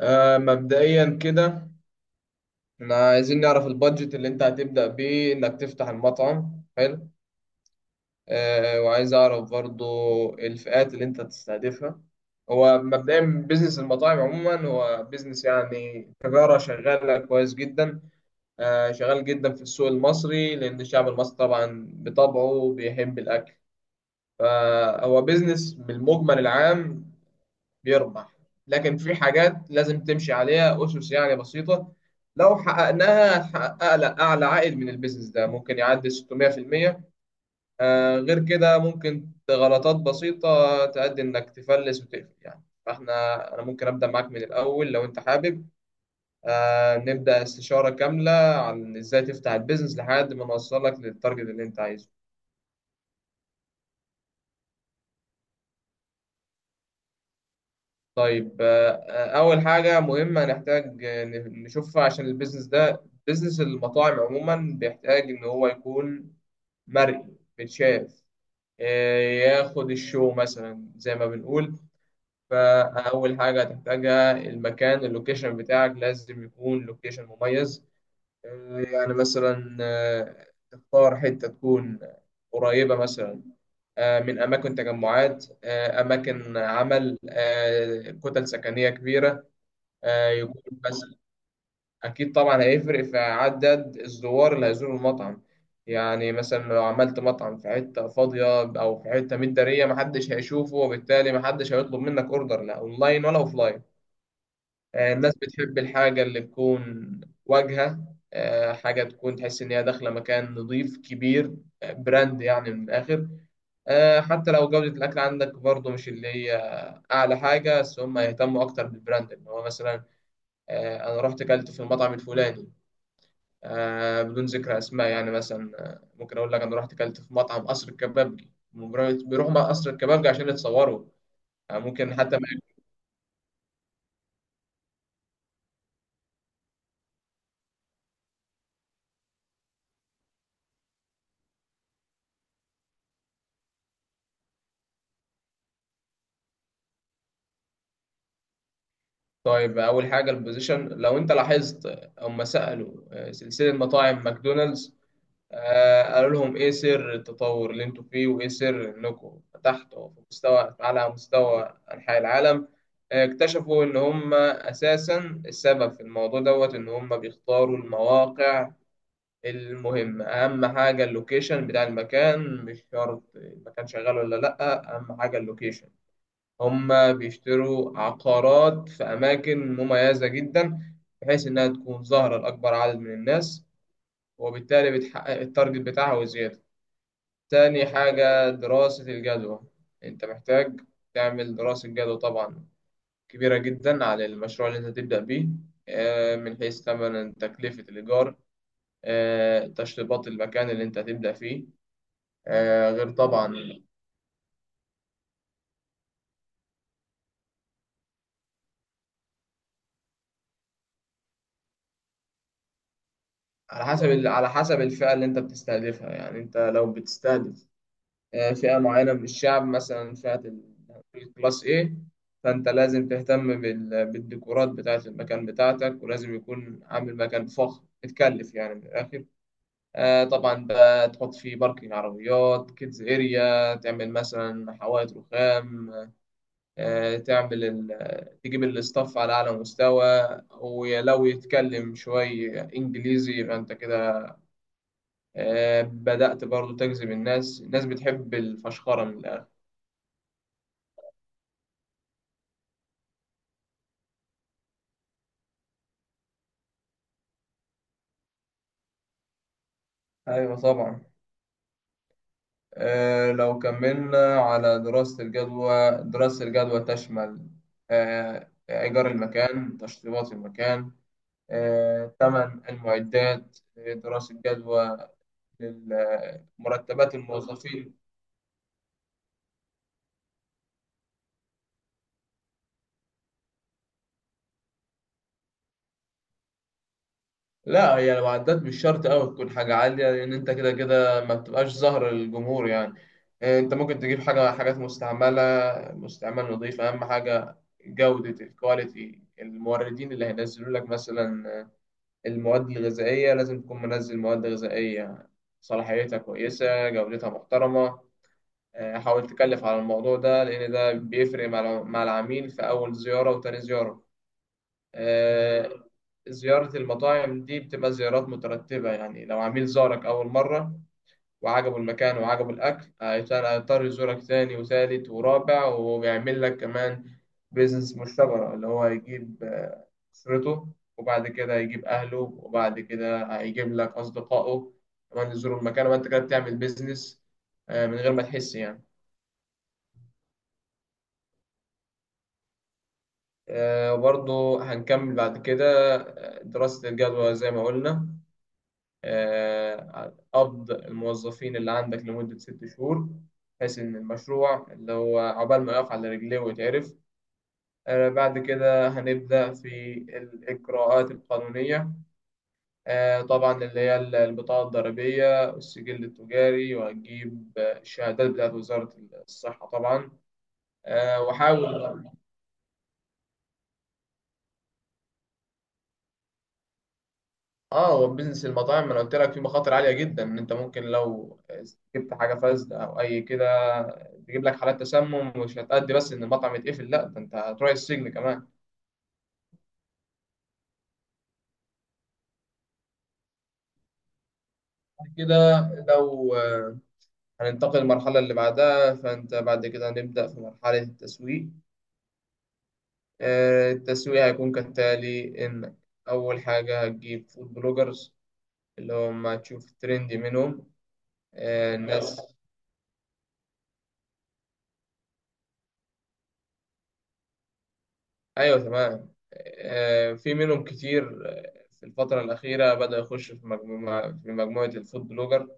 مبدئيا كده، احنا عايزين نعرف البادجت اللي انت هتبدأ بيه انك تفتح المطعم. حلو. وعايز اعرف برضو الفئات اللي انت هتستهدفها. هو مبدئيا، بيزنس المطاعم عموما هو بيزنس، يعني تجارة شغالة كويس جدا. شغال جدا في السوق المصري، لأن الشعب المصري طبعا بطبعه بيحب الأكل. فهو بيزنس بالمجمل العام بيربح. لكن في حاجات لازم تمشي عليها أسس يعني بسيطة. لو حققناها هتحقق أعلى أعلى عائد من البيزنس ده، ممكن يعدي 600%. غير كده، ممكن غلطات بسيطة تؤدي إنك تفلس وتقفل، يعني فإحنا، أنا ممكن أبدأ معاك من الأول لو أنت حابب. نبدأ استشارة كاملة عن إزاي تفتح البيزنس لحد ما نوصلك للتارجت اللي أنت عايزه. طيب. أول حاجة مهمة نحتاج نشوفها، عشان البيزنس ده، بيزنس المطاعم عموما، بيحتاج إن هو يكون مرئي، بيتشاف، ياخد الشو مثلا زي ما بنقول. فأول حاجة هتحتاجها المكان. اللوكيشن بتاعك لازم يكون لوكيشن مميز. يعني مثلا تختار حتة تكون قريبة، مثلا من أماكن تجمعات، أماكن عمل، كتل سكنية كبيرة، يكون مثلا. أكيد طبعا هيفرق في عدد الزوار اللي هيزوروا المطعم. يعني مثلا لو عملت مطعم في حتة فاضية أو في حتة متدارية، محدش هيشوفه، وبالتالي محدش هيطلب منك أوردر، لا أونلاين ولا أوفلاين. الناس بتحب الحاجة اللي تكون واجهة. حاجة تكون تحس إن هي داخلة مكان نظيف كبير. براند يعني، من الآخر. حتى لو جودة الأكل عندك برضه مش اللي هي أعلى حاجة، بس هم يهتموا أكتر بالبراند، إن هو مثلا انا رحت اكلت في المطعم الفلاني. بدون ذكر اسماء، يعني مثلا ممكن اقول لك انا رحت اكلت في مطعم قصر الكبابجي. بيروحوا مع قصر الكبابجي عشان يتصوروا. آه، ممكن حتى ما طيب، اول حاجه البوزيشن. لو انت لاحظت، هم سالوا سلسله مطاعم ماكدونالدز قالوا لهم: ايه سر التطور اللي انتوا فيه، وايه سر انكم فتحتوا في مستوى على مستوى انحاء العالم؟ اكتشفوا ان هم اساسا السبب في الموضوع دوت، ان هم بيختاروا المواقع. المهم، اهم حاجه اللوكيشن بتاع المكان، مش شرط المكان شغال ولا لا. اهم حاجه اللوكيشن. هما بيشتروا عقارات في اماكن مميزه جدا، بحيث انها تكون ظاهره لاكبر عدد من الناس، وبالتالي بتحقق التارجت بتاعها وزياده. تاني حاجه، دراسه الجدوى. انت محتاج تعمل دراسه جدوى طبعا كبيره جدا على المشروع اللي انت تبدا بيه، من حيث ثمن تكلفه الايجار، تشطيبات المكان اللي انت هتبدأ فيه، غير طبعا. على حسب الفئة اللي انت بتستهدفها. يعني انت لو بتستهدف فئة معينة من الشعب، مثلا الكلاس A، فانت لازم تهتم بالديكورات بتاعة المكان بتاعتك، ولازم يكون عامل مكان فخم متكلف يعني من الآخر. طبعا بقى تحط فيه باركينج عربيات، كيدز اريا، تعمل مثلا حوائط رخام، تجيب الاستاف على أعلى مستوى. ولو يتكلم شوية إنجليزي يبقى أنت كده بدأت برضو تجذب الناس. الناس بتحب الفشخرة من الآخر. أيوة طبعا. لو كملنا على دراسة الجدوى، دراسة الجدوى تشمل إيجار المكان، تشطيبات المكان، ثمن المعدات، دراسة جدوى مرتبات الموظفين. لا، هي لو عدت مش شرط قوي تكون حاجة عالية، لأن أنت كده كده ما بتبقاش ظاهر للجمهور يعني. أنت ممكن تجيب حاجات مستعملة. مستعمل نظيف أهم حاجة. جودة الكواليتي، الموردين اللي هينزلوا لك مثلا المواد الغذائية لازم تكون منزل مواد غذائية صلاحيتها كويسة، جودتها محترمة. حاول تكلف على الموضوع ده، لأن ده بيفرق مع العميل في أول زيارة وتاني زيارة. آه، زيارة المطاعم دي بتبقى زيارات مترتبة. يعني لو عميل زارك أول مرة وعجبه المكان وعجبه الأكل، هيضطر يزورك تاني وتالت ورابع، وبيعمل لك كمان بيزنس مشتبرة، اللي هو هيجيب أسرته. وبعد كده هيجيب أهله، وبعد كده هيجيب لك أصدقائه كمان يزوروا المكان، وأنت كده بتعمل بيزنس من غير ما تحس يعني. وبرضه هنكمل بعد كده. دراسة الجدوى زي ما قلنا، قبض الموظفين اللي عندك لمدة 6 شهور، بحيث إن المشروع اللي هو عقبال ما يقف على رجليه ويتعرف. بعد كده هنبدأ في الإجراءات القانونية، طبعا اللي هي البطاقة الضريبية والسجل التجاري، وهتجيب الشهادات بتاعت وزارة الصحة طبعا. آه، وحاول اه هو بيزنس المطاعم، انا قلت لك فيه مخاطر عاليه جدا، ان انت ممكن لو جبت حاجه فاسده او اي كده، تجيب لك حالات تسمم، مش هتأدي بس ان المطعم يتقفل، لا ده انت هتروح السجن كمان. بعد كده، لو آه، هننتقل للمرحله اللي بعدها. فانت بعد كده هنبدأ في مرحله التسويق. التسويق هيكون كالتالي، انك اول حاجه هتجيب فود بلوجرز، اللي هم هتشوف ترندي منهم. الناس. ايوه، تمام. في منهم كتير. في الفترة الأخيرة بدأ يخش في مجموعة الفود بلوجر.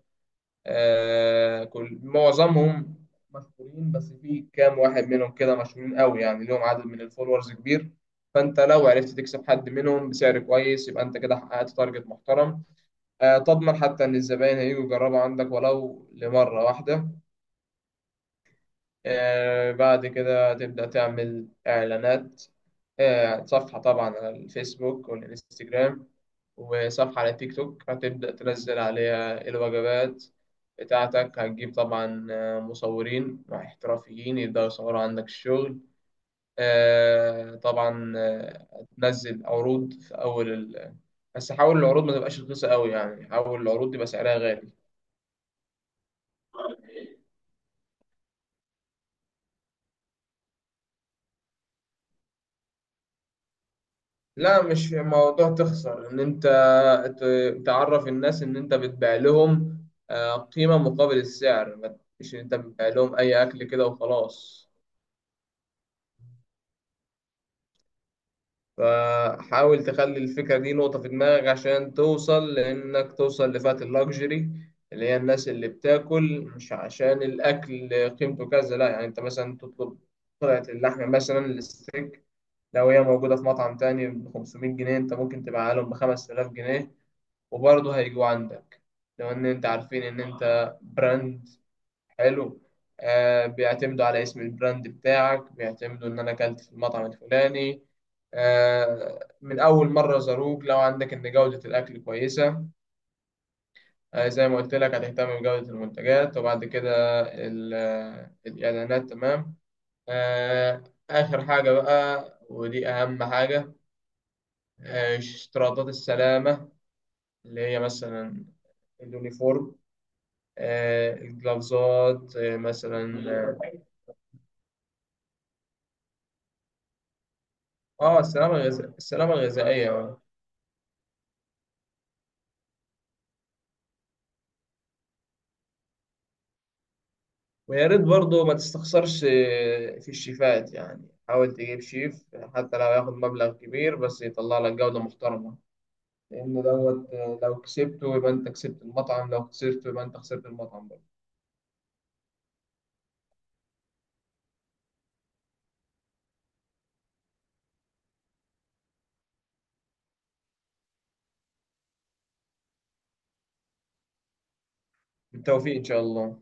معظمهم مشهورين، بس في كام واحد منهم كده مشهورين قوي، يعني ليهم عدد من الفولورز كبير. فأنت لو عرفت تكسب حد منهم بسعر كويس، يبقى أنت كده حققت تارجت محترم. تضمن حتى إن الزباين هيجوا يجربوا عندك ولو لمرة واحدة. بعد كده تبدأ تعمل إعلانات. صفحة طبعا على الفيسبوك والإنستجرام، وصفحة على تيك توك هتبدأ تنزل عليها الوجبات بتاعتك. هتجيب طبعا مصورين احترافيين يبدأوا يصوروا عندك الشغل. طبعا هتنزل عروض في أول بس حاول العروض ما تبقاش رخيصة قوي، يعني حاول العروض تبقى سعرها غالي. لا، مش في موضوع تخسر، ان انت تعرف الناس ان انت بتبيع لهم قيمة مقابل السعر، مش ان انت بتبيع لهم اي اكل كده وخلاص. فحاول تخلي الفكرة دي نقطة في دماغك، عشان توصل لفئة اللاكجري. اللي هي الناس اللي بتاكل مش عشان الاكل قيمته كذا، لا يعني انت مثلا تطلب قطعة اللحمة، مثلا الستيك، لو هي موجودة في مطعم تاني ب 500 جنيه، انت ممكن تبيعها لهم ب 5000 جنيه وبرضه هيجوا عندك. لو ان انت عارفين ان انت براند حلو، بيعتمدوا على اسم البراند بتاعك، بيعتمدوا ان انا اكلت في المطعم الفلاني من اول مرة زاروك، لو عندك ان جودة الاكل كويسة. زي ما قلت لك هتهتم بجودة المنتجات، وبعد كده الاعلانات. تمام. آه اخر حاجة بقى، ودي اهم حاجة. اشتراطات السلامة، اللي هي مثلا اليونيفورم، الجلافزات، مثلا السلامة الغذائية، السلامة الغذائية. ويا ريت برضه ما تستخسرش في الشيفات، يعني حاول تجيب شيف حتى لو ياخد مبلغ كبير بس يطلع لك جودة محترمة. لأن دوت، لو كسبته يبقى أنت كسبت المطعم، لو خسرته يبقى أنت خسرت المطعم برضه. بالتوفيق إن شاء الله.